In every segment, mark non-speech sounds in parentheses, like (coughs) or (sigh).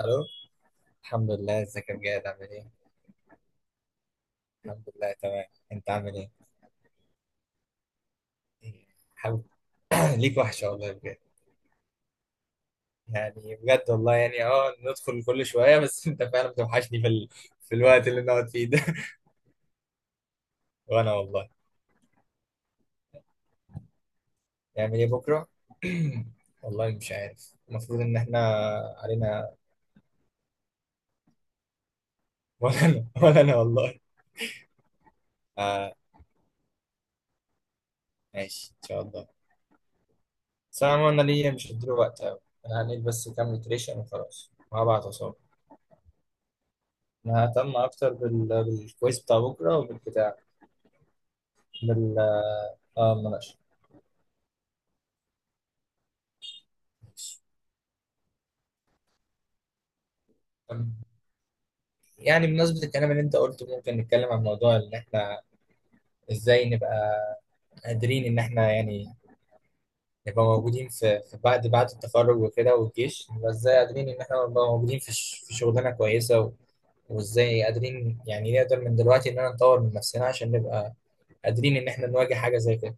الو. الحمد لله، ازيك يا بجد؟ عامل ايه؟ الحمد لله تمام. انت عامل ايه؟ إيه، حب... (coughs) (clears throat) ليك وحشه والله بجد. يعني بجد والله يعني ندخل كل شويه بس. (laughs) انت فعلا بتوحشني في الوقت اللي بنقعد فيه ده. (laughs) وانا والله. نعمل ايه بكره؟ (coughs) (clears throat) والله مش عارف، المفروض ان احنا علينا. (laughs) ولا انا والله. آه، ماشي ان شاء الله. بس انا عموما أنا ليا مش هديله وقت قوي. انا هنيل بس كام ريتريشن وخلاص، وهبعت اصابه. انا ههتم اكتر بالكويس بتاع بكره وبالبتاع. من ال- آه، المناقشة. طب، يعني بمناسبة الكلام اللي انت قلته، ممكن نتكلم عن موضوع ان احنا ازاي نبقى قادرين ان احنا يعني نبقى موجودين في بعد التخرج وكده والجيش. نبقى ازاي قادرين ان احنا نبقى موجودين في شغلانة كويسة، وازاي قادرين يعني نقدر من دلوقتي ان احنا نطور من نفسنا عشان نبقى قادرين ان احنا نواجه حاجة زي كده.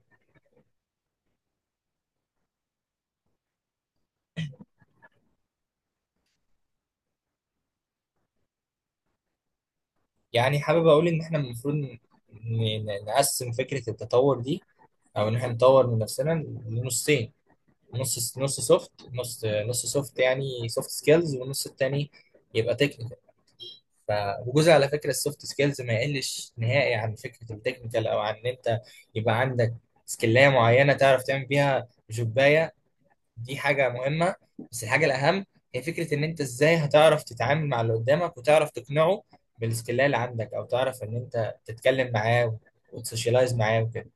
يعني حابب اقول ان احنا المفروض نقسم فكرة التطور دي، او ان احنا نطور من نفسنا لنصين. نص نص سوفت يعني سوفت سكيلز، والنص التاني يبقى تكنيكال. ف وجزء على فكره السوفت سكيلز ما يقلش نهائي عن فكره التكنيكال، او عن ان انت يبقى عندك سكيلايه معينه تعرف تعمل بيها جوبايه. دي حاجه مهمه، بس الحاجه الاهم هي فكره ان انت ازاي هتعرف تتعامل مع اللي قدامك وتعرف تقنعه بالسكيلايه اللي عندك، او تعرف ان انت تتكلم معاه وتسوشيالايز معاه وكده.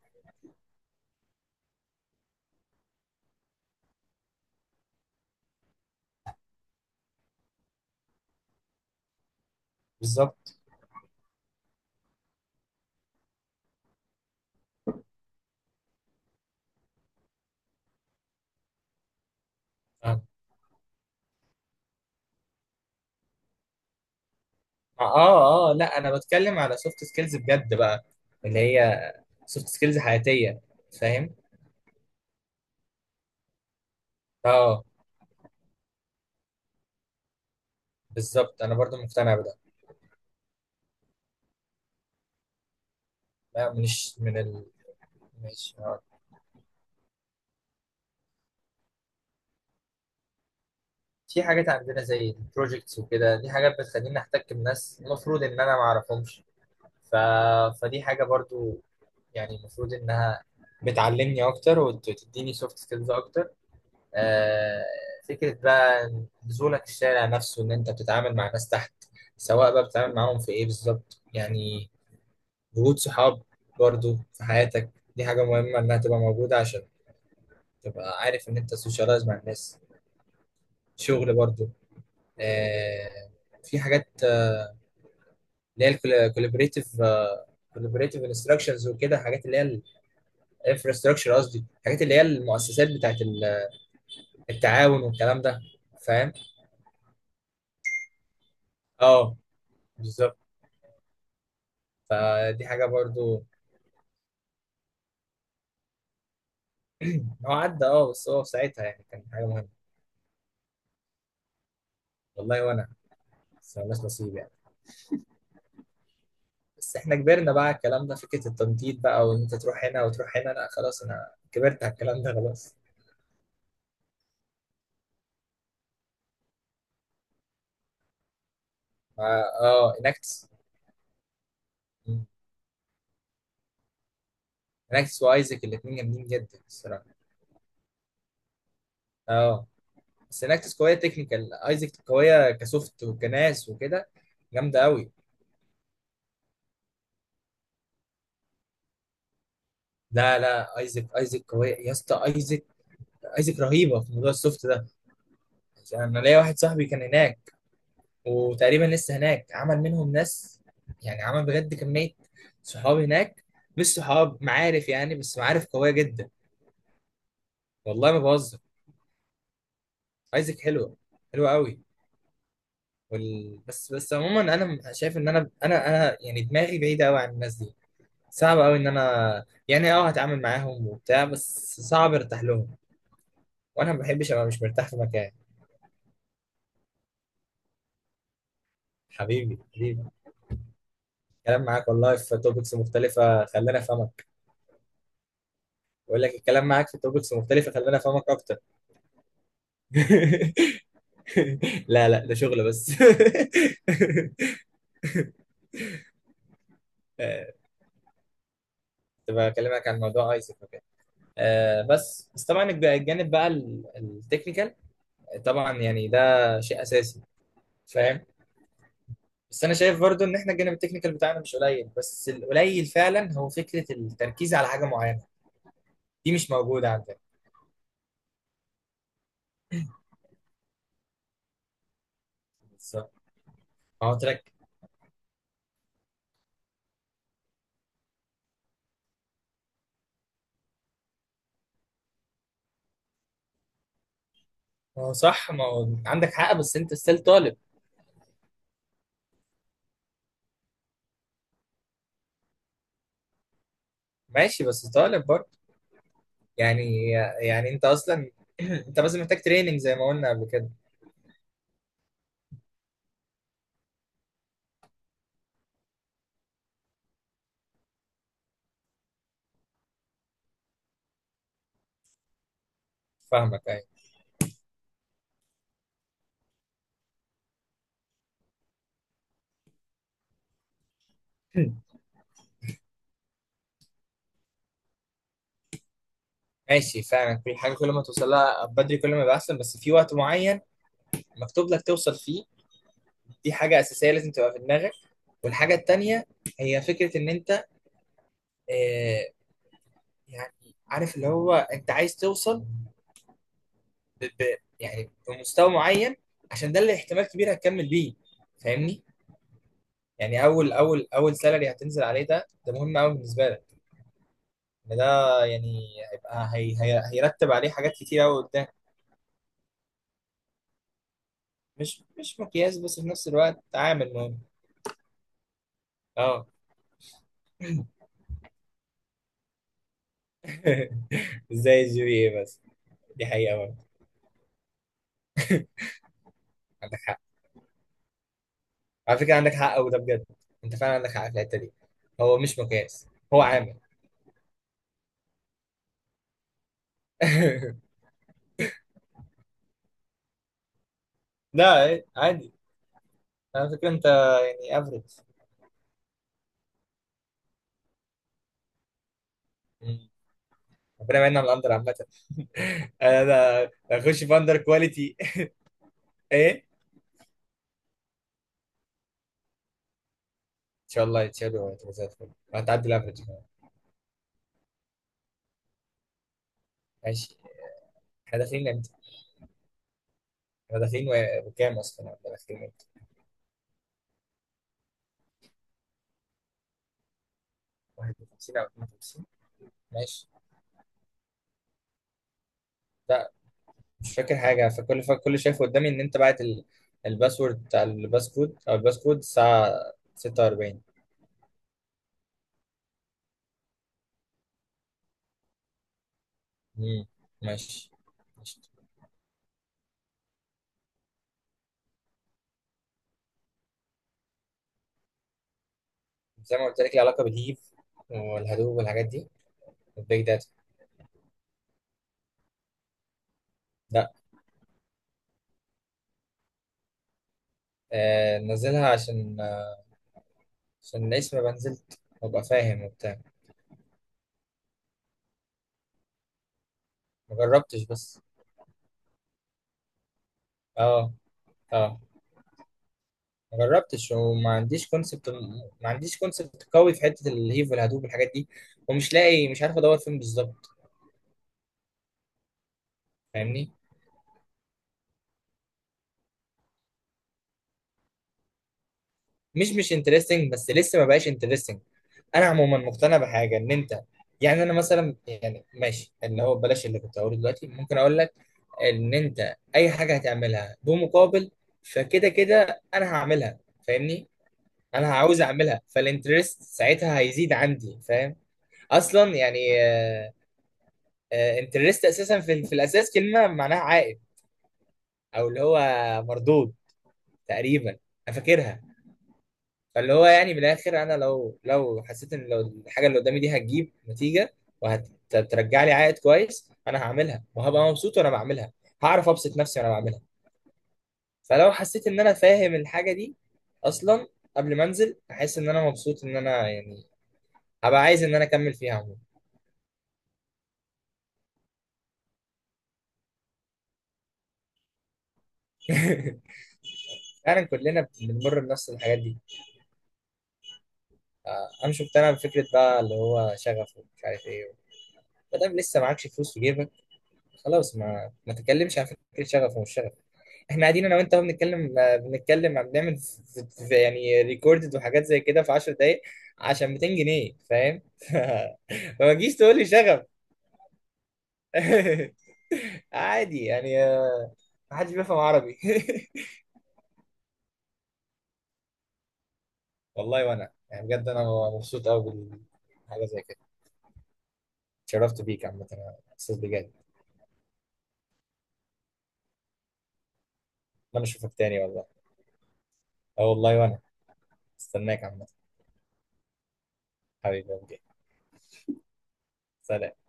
بالظبط. اه آه، لا انا بتكلم على سوفت سكيلز بجد بقى، اللي هي سوفت سكيلز حياتيه. فاهم. اه بالظبط، انا برضو مقتنع بده. لا، مش من ال... مش. آه. في حاجات عندنا زي البروجكتس وكده، دي حاجات بتخليني احتك بناس المفروض ان انا ما اعرفهمش. ف... فدي حاجه برضو، يعني المفروض انها بتعلمني اكتر وتديني سوفت سكيلز اكتر. آه، فكرة بقى نزولك الشارع نفسه إن أنت بتتعامل مع ناس تحت، سواء بقى بتتعامل معاهم في إيه بالظبط يعني. وجود صحاب برضو في حياتك، دي حاجة مهمة إنها تبقى موجودة عشان تبقى عارف إن أنت سوشيالايز مع الناس. شغل برضو. آه، في حاجات، اللي هي الكولابريتيف. انستراكشنز وكده، حاجات اللي هي الانفراستراكشر، قصدي حاجات اللي هي المؤسسات التعاون والكلام ده. فاهم؟ اه بالظبط. فدي حاجة برضو. هو عدى اه، بس هو في ساعتها يعني كان حاجه مهمه. والله وانا. بس مالناش نصيب يعني. بس احنا كبرنا بقى على الكلام ده، فكره التنطيط بقى وان انت تروح هنا وتروح هنا، لا خلاص انا كبرت على الكلام ده خلاص. اه آه، اناكتس. مم. اناكتس وايزك الاثنين جامدين جدا الصراحه. اه بس اناكتس قويه تكنيكال، ايزك قويه كسوفت وكناس وكده. جامده قوي. لا لا، ايزك قويه يا اسطى. ايزك رهيبه في موضوع السوفت ده. يعني انا ليا واحد صاحبي كان هناك، وتقريبا لسه هناك. عمل منهم ناس، يعني عمل بجد كمية صحاب هناك، مش صحاب معارف يعني، بس معارف قوية جدا. والله ما بهزر. ايزك حلوة، حلوة قوي. بس عموما انا شايف ان انا يعني دماغي بعيدة قوي عن الناس دي. صعب قوي ان انا يعني اه هتعامل معاهم وبتاع، بس صعب ارتاح لهم. وانا ما بحبش ابقى مش مرتاح في مكان. حبيبي. الكلام معاك والله في توبكس مختلفة خلاني افهمك. بقول لك، الكلام معاك في توبكس مختلفة خلاني افهمك اكتر. (laughs) لا لا، ده شغل بس. (laughs) آه، كنت بكلمك عن موضوع ايسك وكده. آه، بس طبعا الجانب بقى التكنيكال، طبعا يعني ده شيء اساسي. فاهم. بس انا شايف برضو ان احنا الجانب التكنيكال بتاعنا مش قليل، بس القليل فعلا هو فكره التركيز على حاجه معينه. دي مش موجوده عندنا. بالظبط. ما هو ترك ما هو صح، ما هو عندك حق، بس انت ستيل طالب. ماشي، بس طالب برضو. يعني يعني انت اصلا (clears throat) انت بس محتاج تريننج زي ما قلنا قبل كده. فاهمك ايوه. ماشي فعلا، كل حاجه كل ما توصل لها بدري كل ما يبقى احسن، بس في وقت معين مكتوب لك توصل فيه. دي حاجه اساسيه لازم تبقى في دماغك. والحاجه التانيه هي فكره ان انت، آه، يعني عارف اللي هو انت عايز توصل ب ب يعني بمستوى معين، عشان ده اللي احتمال كبير هتكمل بيه. فاهمني. يعني اول سالري هتنزل عليه، ده مهم قوي بالنسبه لك. إن ده يعني هيبقى، هي هيرتب عليه حاجات كتير قوي. مش مقياس، بس في نفس الوقت عامل مهم. اه. (laughs) زي الجي بي اي بس. دي حقيقة برضه، عندك حق. على فكرة عندك حق، وده بجد انت فعلا عندك حق في الحتة دي. هو مش مقياس، هو عامل. (laughs) لا إيه، عادي. على فكرة انت يعني افريج. ربنا يبعدنا عن الاندر عامة. (laughs) انا اخش في اندر كواليتي. (laughs) ايه. ان شاء الله يتشالوا وتبقى زي الفل، هتعدي الافرج كمان. ماشي. احنا داخلين امتى؟ احنا داخلين وكام اصلا؟ احنا داخلين امتى؟ 51 او 52. ماشي. لا، مش فاكر حاجة. فكل شايف قدامي إن أنت بعت الباسورد بتاع الباس كود، أو الباس كود الساعة 46. امم ماشي. ماشي. زي ما قلت لك، ليها علاقة بالهيف والهدوب والحاجات دي، والبيج داتا. لا، آه، نزلها عشان آه، عشان الاسم، ما نزلت وابقى فاهم وبتاع. ما جربتش بس. اه اه. ما جربتش وما عنديش كونسبت. ما عنديش كونسبت قوي في حتة الهيف والهدوب والحاجات دي، ومش لاقي، مش عارف ادور فين بالظبط. فاهمني. مش انترستنج، بس لسه ما بقاش انترستنج. انا عموما مقتنع بحاجه ان انت يعني. انا مثلا يعني ماشي، اللي هو بلاش اللي كنت هقوله دلوقتي ممكن اقول لك، ان انت اي حاجه هتعملها بمقابل فكده كده انا هعملها. فاهمني. انا عاوز اعملها فالانترست ساعتها هيزيد عندي، فاهم. اصلا يعني، انترست اساسا في الاساس كلمه معناها عائد، او اللي هو مردود تقريبا. انا فاكرها. فاللي هو يعني من الاخر، انا لو حسيت ان لو الحاجه اللي قدامي دي هتجيب نتيجه وهترجع لي عائد كويس، انا هعملها وهبقى مبسوط وانا بعملها. هعرف ابسط نفسي وانا بعملها. فلو حسيت ان انا فاهم الحاجه دي اصلا قبل ما انزل، احس ان انا مبسوط، ان انا يعني هبقى عايز ان انا اكمل فيها عموما. فعلا كلنا بنمر بنفس الحاجات دي. آه، انا مش مقتنع بفكره بقى اللي هو شغف ومش عارف ايه. ما دام لسه معكش فلوس في جيبك، خلاص ما تتكلمش عن فكره شغف ومش شغف. احنا قاعدين انا وانت اهو بنتكلم، آه، بنتكلم عم بنعمل يعني ريكوردد وحاجات زي كده في 10 دقائق عشان 200 جنيه، فاهم. (laughs) فما تجيش تقول لي شغف. (laughs) عادي يعني، آه، ما حدش بيفهم عربي. (laughs) والله وانا يعني بجد انا مبسوط قوي بالحاجه زي كده. اتشرفت بيك عامه، انا مبسوط بجد. اتمنى اشوفك تاني والله. اه والله وانا، استناك عامه. حبيبي، اوكي، سلام.